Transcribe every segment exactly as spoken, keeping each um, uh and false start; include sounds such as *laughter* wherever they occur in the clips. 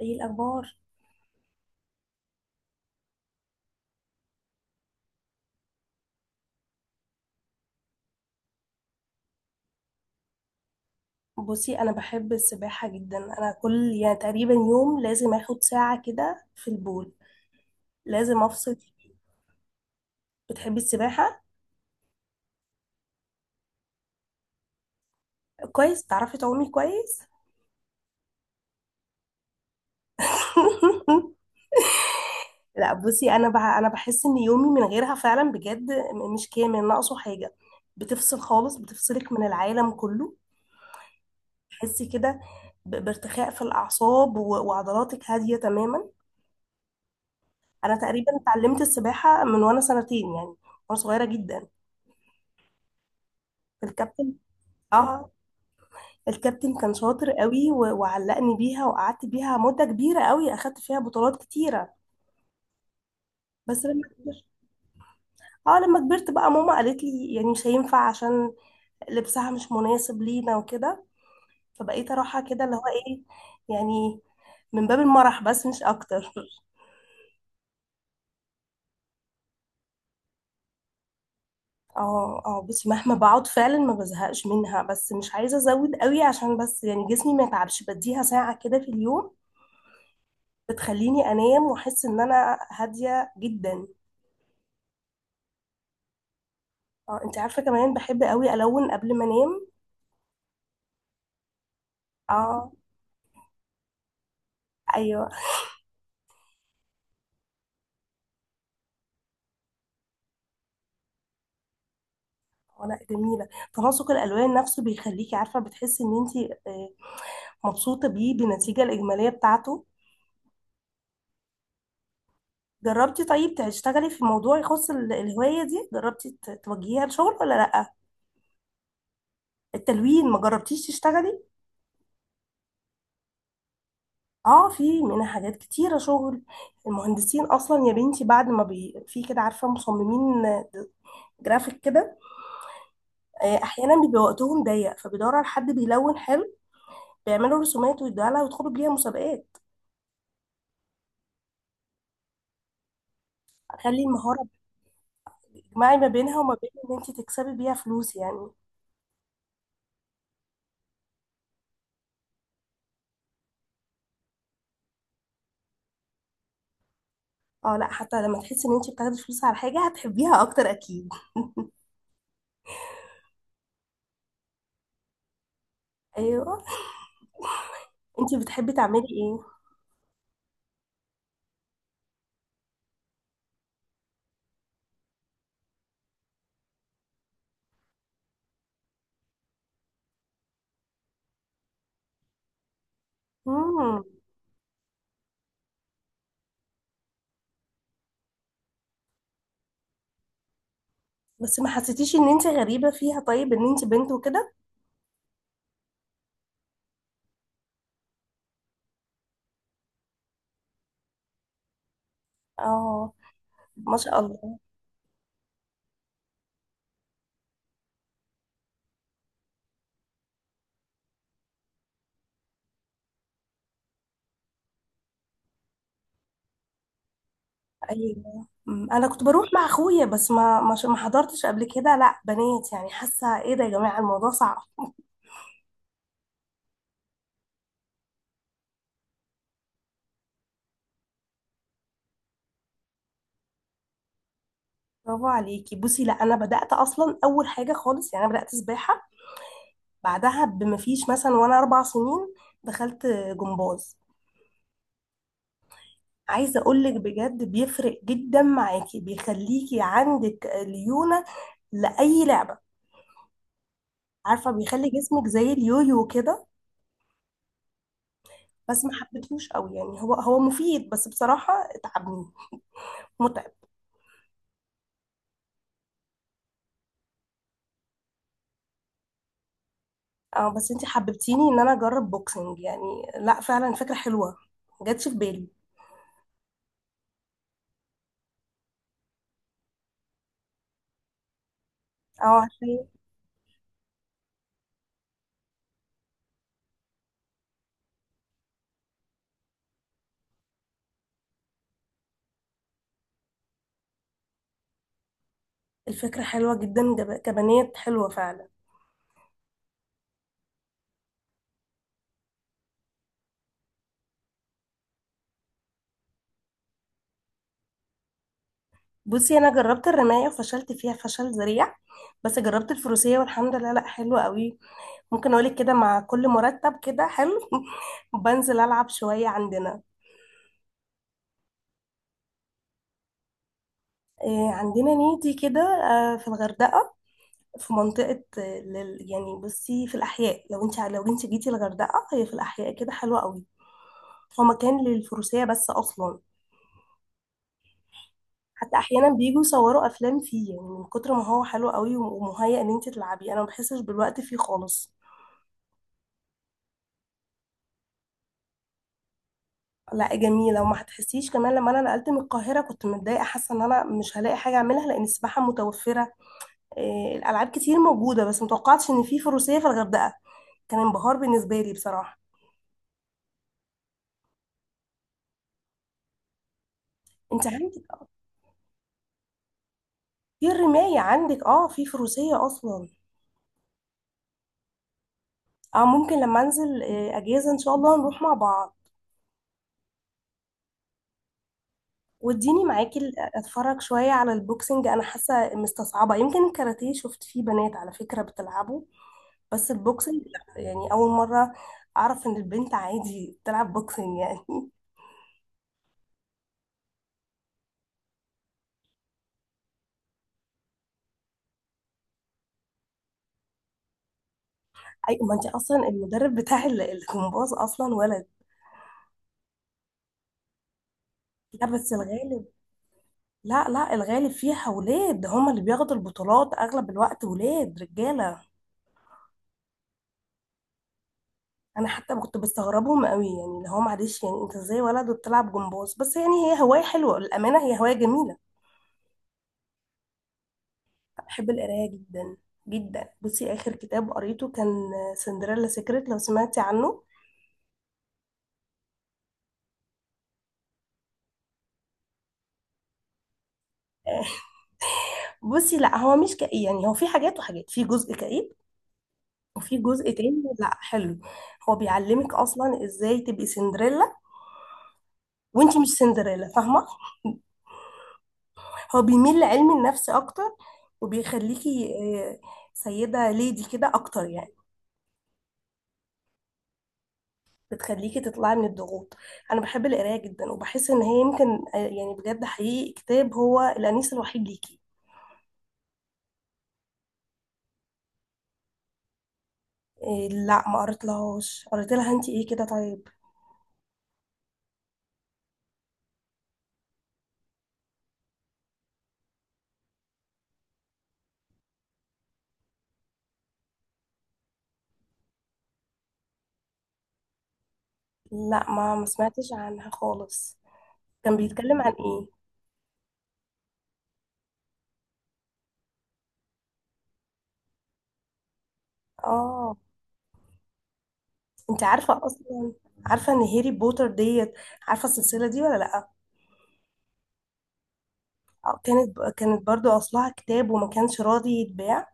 ايه الاخبار؟ بصي، انا بحب السباحه جدا. انا كل يعني تقريبا يوم لازم اخد ساعه كده في البول، لازم افصل فيه. بتحبي السباحه؟ كويس، بتعرفي تعومي كويس؟ *laughs* لا بصي، انا بح انا بحس ان يومي من غيرها فعلا بجد م- مش كامل، ناقصه حاجه. بتفصل خالص، بتفصلك من العالم كله. تحسي كده؟ ب- بارتخاء في الاعصاب و- وعضلاتك هاديه تماما. انا تقريبا اتعلمت السباحه من وانا سنتين يعني، وانا صغيره جدا. الكابتن، اه، الكابتن كان شاطر قوي و- وعلقني بيها، وقعدت بيها مدة كبيرة قوي، اخدت فيها بطولات كتيرة. بس لما كبرت، اه لما كبرت بقى ماما قالت لي يعني مش هينفع، عشان لبسها مش مناسب لينا وكده. فبقيت اروحها كده اللي هو ايه، يعني من باب المرح بس مش اكتر. *laughs* اه اه، بصي مهما بقعد فعلا ما بزهقش منها، بس مش عايزة ازود قوي عشان بس يعني جسمي ما يتعبش. بديها ساعة كده في اليوم، بتخليني انام واحس ان انا هادية جدا. اه، انت عارفه، كمان بحب قوي الون قبل ما انام. اه. ايوه. آه، لا جميله. تناسق الالوان نفسه بيخليكي عارفه بتحسي ان انت آه، مبسوطه بيه، بالنتيجه الاجماليه بتاعته. جربتي طيب تشتغلي في موضوع يخص ال- الهوايه دي؟ جربتي ت- توجهيها لشغل ولا لا؟ التلوين، ما جربتيش تشتغلي؟ اه، في منها حاجات كتيره شغل. المهندسين اصلا يا بنتي بعد ما بي... في كده، عارفه، مصممين آه، جرافيك كده، آه، احيانا بيبقى وقتهم ضيق فبيدوروا على حد بيلون حلو، بيعملوا رسومات ويدوها لها ويدخلوا بيها مسابقات. خلي المهارة تجمعي ما بينها وما بين ان انت تكسبي بيها فلوس يعني. اه، لا حتى لما تحسي ان انت بتاخدي فلوس على حاجة هتحبيها اكتر اكيد. ايوه. انت بتحبي تعملي ايه؟ مم. بس ما حسيتيش ان انت غريبة فيها؟ طيب ان انت بنت وكده؟ اه، ما شاء الله. ايوه. مم. انا كنت بروح مع اخويا، بس ما ما ش- ما حضرتش قبل كده لا بنات، يعني حاسة ايه ده يا جماعة، الموضوع صعب. برافو عليكي. بصي لا، انا بدأت اصلا اول حاجة خالص يعني، انا بدأت سباحة، بعدها بمفيش مثلا وانا اربع سنين دخلت جمباز. عايزه اقولك بجد بيفرق جدا معاكي، بيخليكي عندك ليونه لاي لعبه. عارفه، بيخلي جسمك زي اليويو كده. بس ما حبيتهوش قوي يعني. هو هو مفيد بس بصراحه اتعبني، متعب. اه بس انتي حببتيني ان انا اجرب بوكسنج يعني. لا فعلا فكره حلوه، ما جاتش في بالي. اه، عارفه. الفكره حلوه جدا، جب- كبنات حلوه فعلا. بصي انا جربت الرمايه وفشلت فيها فشل ذريع، بس جربت الفروسيه، والحمد لله لا حلوه قوي. ممكن اقولك كده، مع كل مرتب كده حلو *laughs* بنزل العب شويه عندنا. آه، عندنا نيتي كده، آه، في الغردقه. في منطقه آه، لل- يعني بصي في الاحياء، لو انت لو انت جيتي الغردقه، هي في الاحياء كده، حلوه قوي. هو مكان للفروسيه بس اصلا. حتى احيانا بيجوا يصوروا افلام فيه يعني من كتر ما هو حلو قوي، ومهيئ ان انت تلعبي. انا ما بحسش بالوقت فيه خالص. لا جميلة، وما هتحسيش كمان. لما انا نقلت من القاهرة كنت متضايقة، حاسة ان انا مش هلاقي حاجة اعملها، لان السباحة متوفرة، إيه، الالعاب كتير موجودة، بس متوقعتش ان في فروسية في الغردقة. كان انبهار بالنسبة لي بصراحة. انت عندك في الرماية، عندك اه في فروسية اصلا. اه ممكن لما انزل إيه، اجازة ان شاء الله نروح مع بعض. واديني معاكي ال- اتفرج شوية على البوكسنج. انا حاسة مستصعبة، يمكن الكاراتيه شفت فيه بنات على فكرة بتلعبه، بس البوكسنج لا يعني اول مره اعرف ان البنت عادي تلعب بوكسنج يعني. *laughs* اي ما انت اصلا المدرب بتاع ال- الجمباز اصلا ولد. لا بس الغالب، لا لا الغالب فيها ولاد، هما اللي بياخدوا البطولات اغلب الوقت، ولاد رجاله. انا حتى كنت بستغربهم قوي، يعني اللي هو معلش يعني انت ازاي ولد وبتلعب جمباز؟ بس يعني هي هوايه حلوه، الامانه هي هوايه جميله. بحب القرايه جدا، جدا. بصي اخر كتاب قريته كان سندريلا سيكريت، لو سمعتي عنه. آه، بصي لا هو مش كئيب يعني، هو في حاجات وحاجات، في جزء كئيب، وفي جزء تاني لا حلو. هو بيعلمك اصلا ازاي تبقي سندريلا، وانتي مش سندريلا، فاهمه؟ هو بيميل لعلم النفس اكتر، وبيخليكي آه، سيده ليدي كده اكتر يعني. بتخليكي تطلعي من الضغوط. انا بحب القرايه جدا، وبحس ان هي يمكن آه، يعني بجد حقيقي، كتاب هو الانيس الوحيد ليكي. آه، لا ما قريتلهاش. قريت لها انتي ايه كده طيب؟ لا ما ما سمعتش عنها خالص. كان بيتكلم عن ايه؟ اه، انت عارفه اصلا، عارفه ان هاري بوتر ديت؟ عارفه السلسله دي ولا لا؟ آه، كانت كانت برضو اصلها كتاب وما كانش راضي يتباع.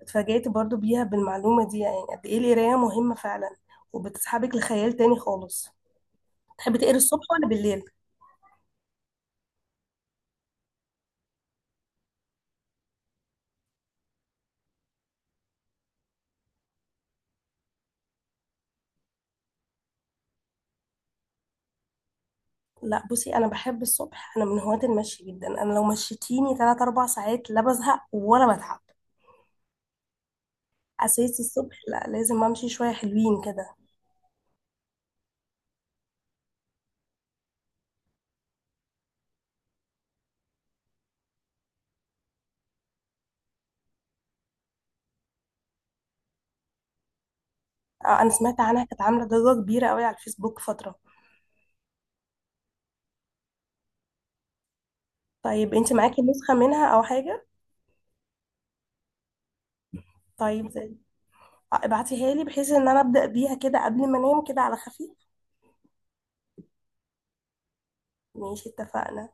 اتفاجأت برضو بيها بالمعلومه دي، يعني قد ايه القرايه مهمه فعلا، وبتسحبك لخيال تاني خالص. تحبي تقري الصبح ولا بالليل؟ لا بصي، انا بحب الصبح. انا من هواة المشي جدا، انا لو مشيتيني تلاتة اربعة ساعات لا بزهق ولا بتعب. اساسي الصبح لا، لازم امشي شويه حلوين كده. آه، انا سمعت عنها، كانت عامله ضجه كبيره قوي على الفيسبوك فتره. طيب انت معاكي نسخة منها او حاجة؟ طيب زي، ابعتيها لي بحيث ان انا ابدأ بيها كده قبل ما انام كده على خفيف. ماشي، اتفقنا.